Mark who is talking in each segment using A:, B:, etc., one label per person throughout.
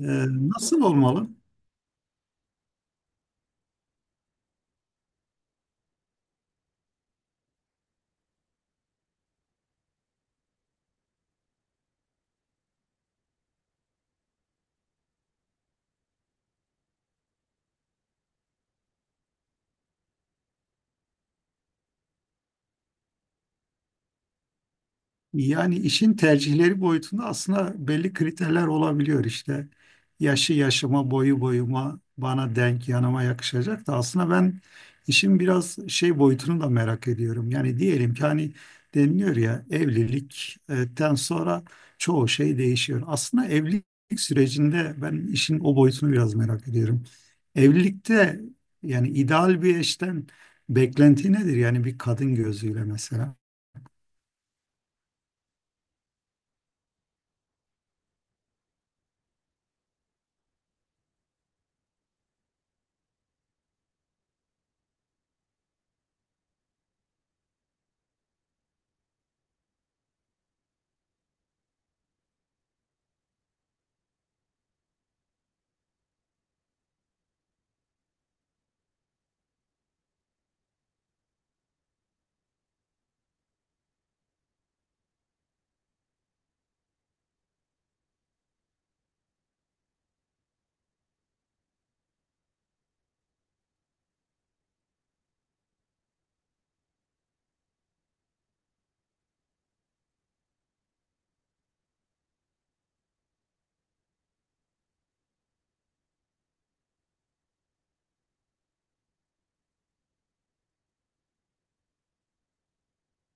A: Nasıl olmalı? Yani işin tercihleri boyutunda aslında belli kriterler olabiliyor işte. Yaşı yaşıma, boyu boyuma, bana denk, yanıma yakışacak da aslında ben işin biraz şey boyutunu da merak ediyorum. Yani diyelim ki hani deniliyor ya evlilikten sonra çoğu şey değişiyor. Aslında evlilik sürecinde ben işin o boyutunu biraz merak ediyorum. Evlilikte yani ideal bir eşten beklenti nedir? Yani bir kadın gözüyle mesela.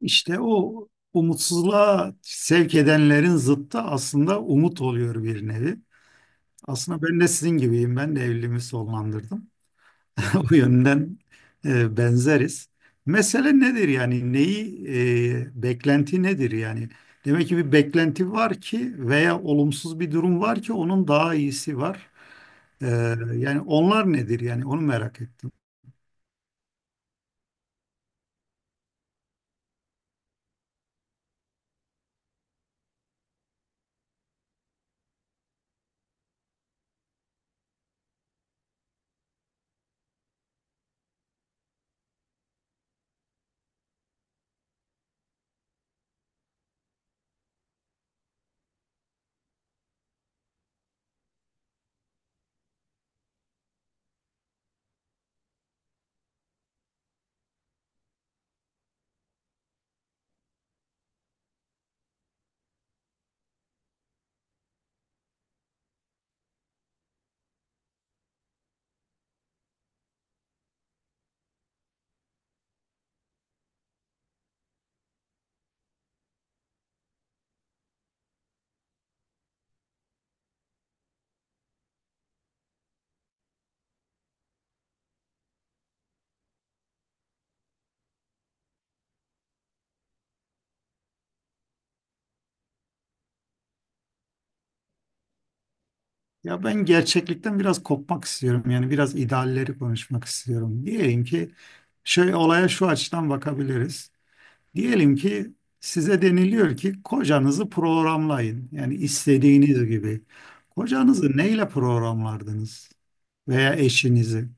A: İşte o umutsuzluğa sevk edenlerin zıttı aslında umut oluyor bir nevi. Aslında ben de sizin gibiyim. Ben de evliliğimi sonlandırdım. O yönden benzeriz. Mesele nedir yani? Neyi, beklenti nedir yani? Demek ki bir beklenti var ki veya olumsuz bir durum var ki onun daha iyisi var. E, yani onlar nedir yani? Onu merak ettim. Ya ben gerçeklikten biraz kopmak istiyorum. Yani biraz idealleri konuşmak istiyorum. Diyelim ki şöyle olaya şu açıdan bakabiliriz. Diyelim ki size deniliyor ki kocanızı programlayın. Yani istediğiniz gibi. Kocanızı neyle programlardınız veya eşinizi?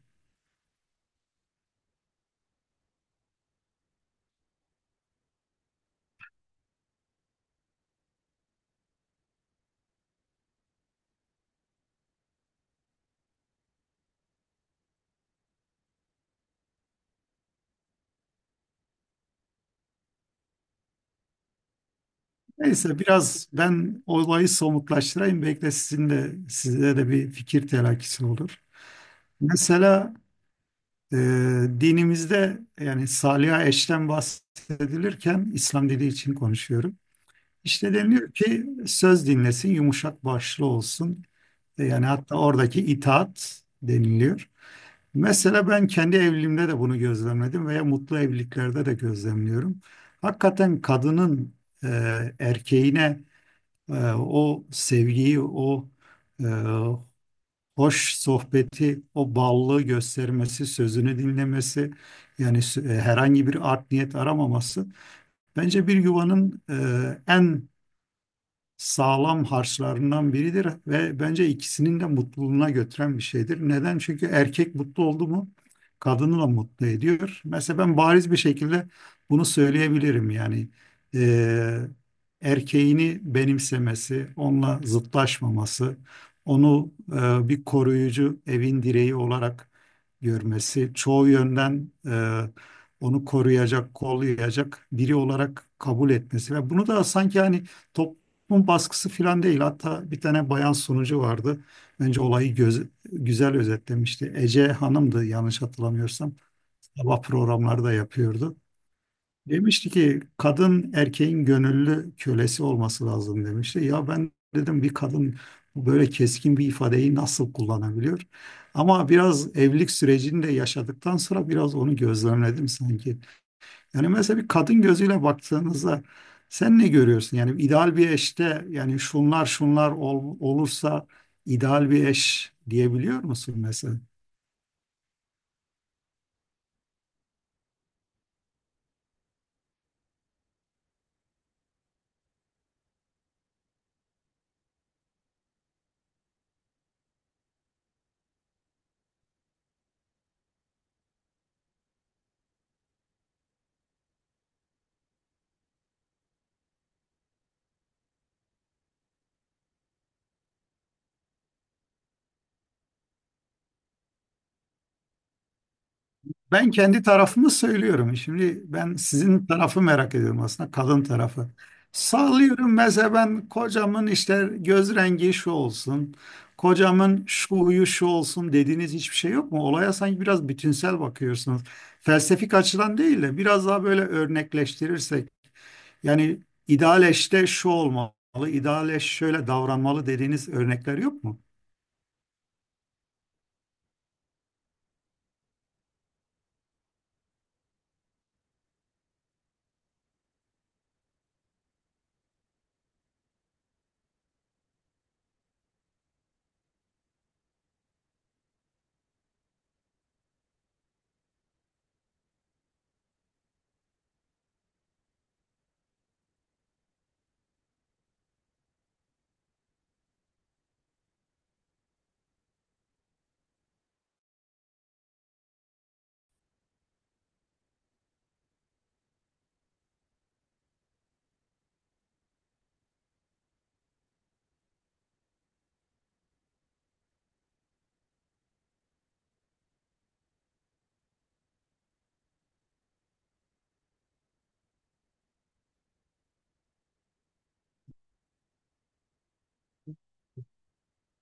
A: Neyse biraz ben olayı somutlaştırayım. Belki de sizin de size de bir fikir telakkisi olur. Mesela e, dinimizde yani saliha eşten bahsedilirken İslam dili için konuşuyorum. İşte deniliyor ki söz dinlesin, yumuşak başlı olsun. Yani hatta oradaki itaat deniliyor. Mesela ben kendi evliliğimde de bunu gözlemledim veya mutlu evliliklerde de gözlemliyorum. Hakikaten kadının e, erkeğine o sevgiyi, o e, hoş sohbeti, o ballığı göstermesi, sözünü dinlemesi, yani herhangi bir art niyet aramaması bence bir yuvanın en sağlam harçlarından biridir ve bence ikisinin de mutluluğuna götüren bir şeydir. Neden? Çünkü erkek mutlu oldu mu kadını da mutlu ediyor. Mesela ben bariz bir şekilde bunu söyleyebilirim yani. eee, Erkeğini benimsemesi, onunla zıtlaşmaması, onu bir koruyucu evin direği olarak görmesi, çoğu yönden onu koruyacak, kollayacak biri olarak kabul etmesi ve bunu da sanki hani toplum bunun baskısı falan değil. Hatta bir tane bayan sunucu vardı. Bence olayı göz, güzel özetlemişti. Ece Hanım'dı yanlış hatırlamıyorsam. Sabah programları da yapıyordu. Demişti ki kadın erkeğin gönüllü kölesi olması lazım demişti. Ya ben dedim bir kadın böyle keskin bir ifadeyi nasıl kullanabiliyor? Ama biraz evlilik sürecini de yaşadıktan sonra biraz onu gözlemledim sanki. Yani mesela bir kadın gözüyle baktığınızda sen ne görüyorsun? Yani ideal bir eşte yani şunlar şunlar olursa ideal bir eş diyebiliyor musun mesela? Ben kendi tarafımı söylüyorum. Şimdi ben sizin tarafı merak ediyorum aslında kadın tarafı. Sallıyorum mesela ben kocamın işte göz rengi şu olsun, kocamın şu huyu şu olsun dediğiniz hiçbir şey yok mu? Olaya sanki biraz bütünsel bakıyorsunuz. Felsefik açıdan değil de biraz daha böyle örnekleştirirsek yani ideal eşte şu olmalı, ideal eş şöyle davranmalı dediğiniz örnekler yok mu?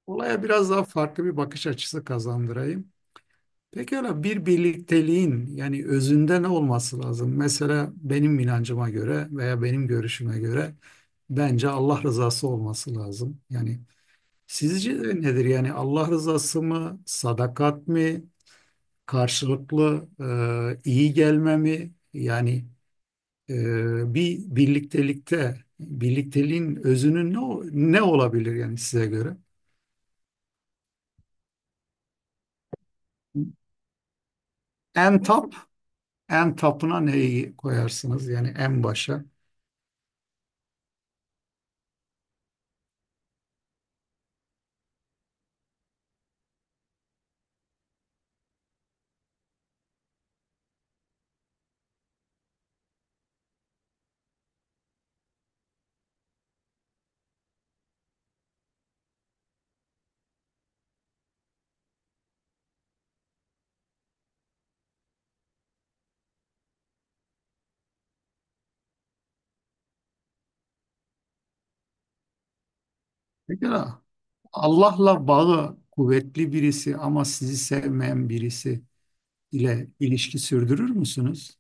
A: Olaya biraz daha farklı bir bakış açısı kazandırayım. Peki öyle bir birlikteliğin yani özünde ne olması lazım? Mesela benim inancıma göre veya benim görüşüme göre bence Allah rızası olması lazım. Yani sizce de nedir? Yani Allah rızası mı, sadakat mı? Karşılıklı iyi gelmemi yani bir birliktelikte birlikteliğin özünün ne, ne olabilir yani size göre? En top En tapına neyi koyarsınız yani en başa? Pekala. Allah'la bağı kuvvetli birisi ama sizi sevmeyen birisi ile ilişki sürdürür müsünüz?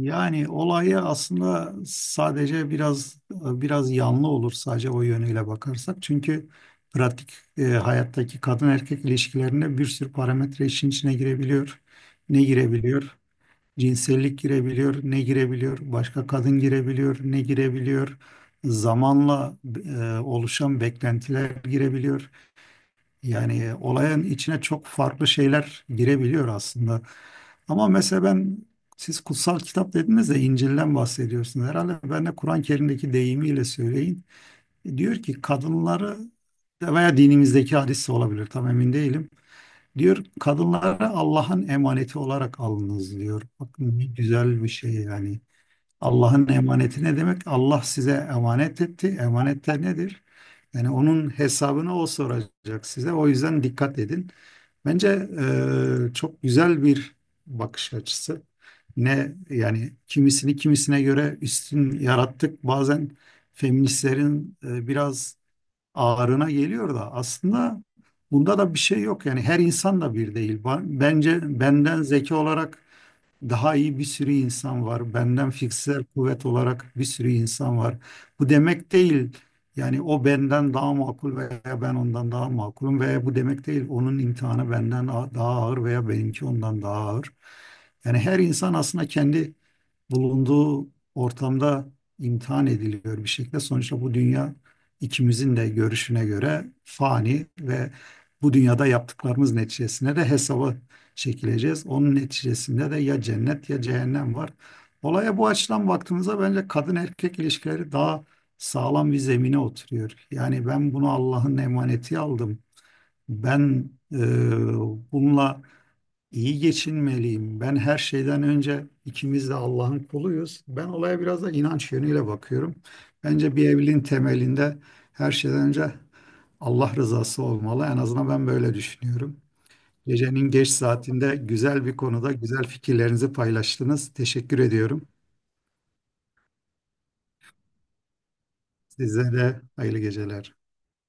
A: Yani olayı aslında sadece biraz yanlı olur sadece o yönüyle bakarsak. Çünkü pratik hayattaki kadın erkek ilişkilerinde bir sürü parametre işin içine girebiliyor. Ne girebiliyor? Cinsellik girebiliyor, ne girebiliyor? Başka kadın girebiliyor, ne girebiliyor? Zamanla oluşan beklentiler girebiliyor. Yani olayın içine çok farklı şeyler girebiliyor aslında. Ama mesela ben siz kutsal kitap dediniz de İncil'den bahsediyorsunuz. Herhalde ben de Kur'an-ı Kerim'deki deyimiyle söyleyin. Diyor ki kadınları veya dinimizdeki hadis de olabilir tam emin değilim. Diyor kadınları Allah'ın emaneti olarak alınız diyor. Bakın ne güzel bir şey yani. Allah'ın emaneti ne demek? Allah size emanet etti. Emanetler nedir? Yani onun hesabını o soracak size. O yüzden dikkat edin. Bence çok güzel bir bakış açısı. Ne yani kimisini kimisine göre üstün yarattık. Bazen feministlerin biraz ağrına geliyor da aslında bunda da bir şey yok. Yani her insan da bir değil. Bence benden zeki olarak daha iyi bir sürü insan var. Benden fiziksel kuvvet olarak bir sürü insan var. Bu demek değil. Yani o benden daha makul veya ben ondan daha makulum veya bu demek değil. Onun imtihanı benden daha ağır veya benimki ondan daha ağır. Yani her insan aslında kendi bulunduğu ortamda imtihan ediliyor bir şekilde. Sonuçta bu dünya ikimizin de görüşüne göre fani ve bu dünyada yaptıklarımız neticesinde de hesaba çekileceğiz. Onun neticesinde de ya cennet ya cehennem var. Olaya bu açıdan baktığımızda bence kadın erkek ilişkileri daha sağlam bir zemine oturuyor. Yani ben bunu Allah'ın emaneti aldım. Ben bununla İyi geçinmeliyim. Ben her şeyden önce ikimiz de Allah'ın kuluyuz. Ben olaya biraz da inanç yönüyle bakıyorum. Bence bir evliliğin temelinde her şeyden önce Allah rızası olmalı. En azından ben böyle düşünüyorum. Gecenin geç saatinde güzel bir konuda güzel fikirlerinizi paylaştınız. Teşekkür ediyorum. Size de hayırlı geceler.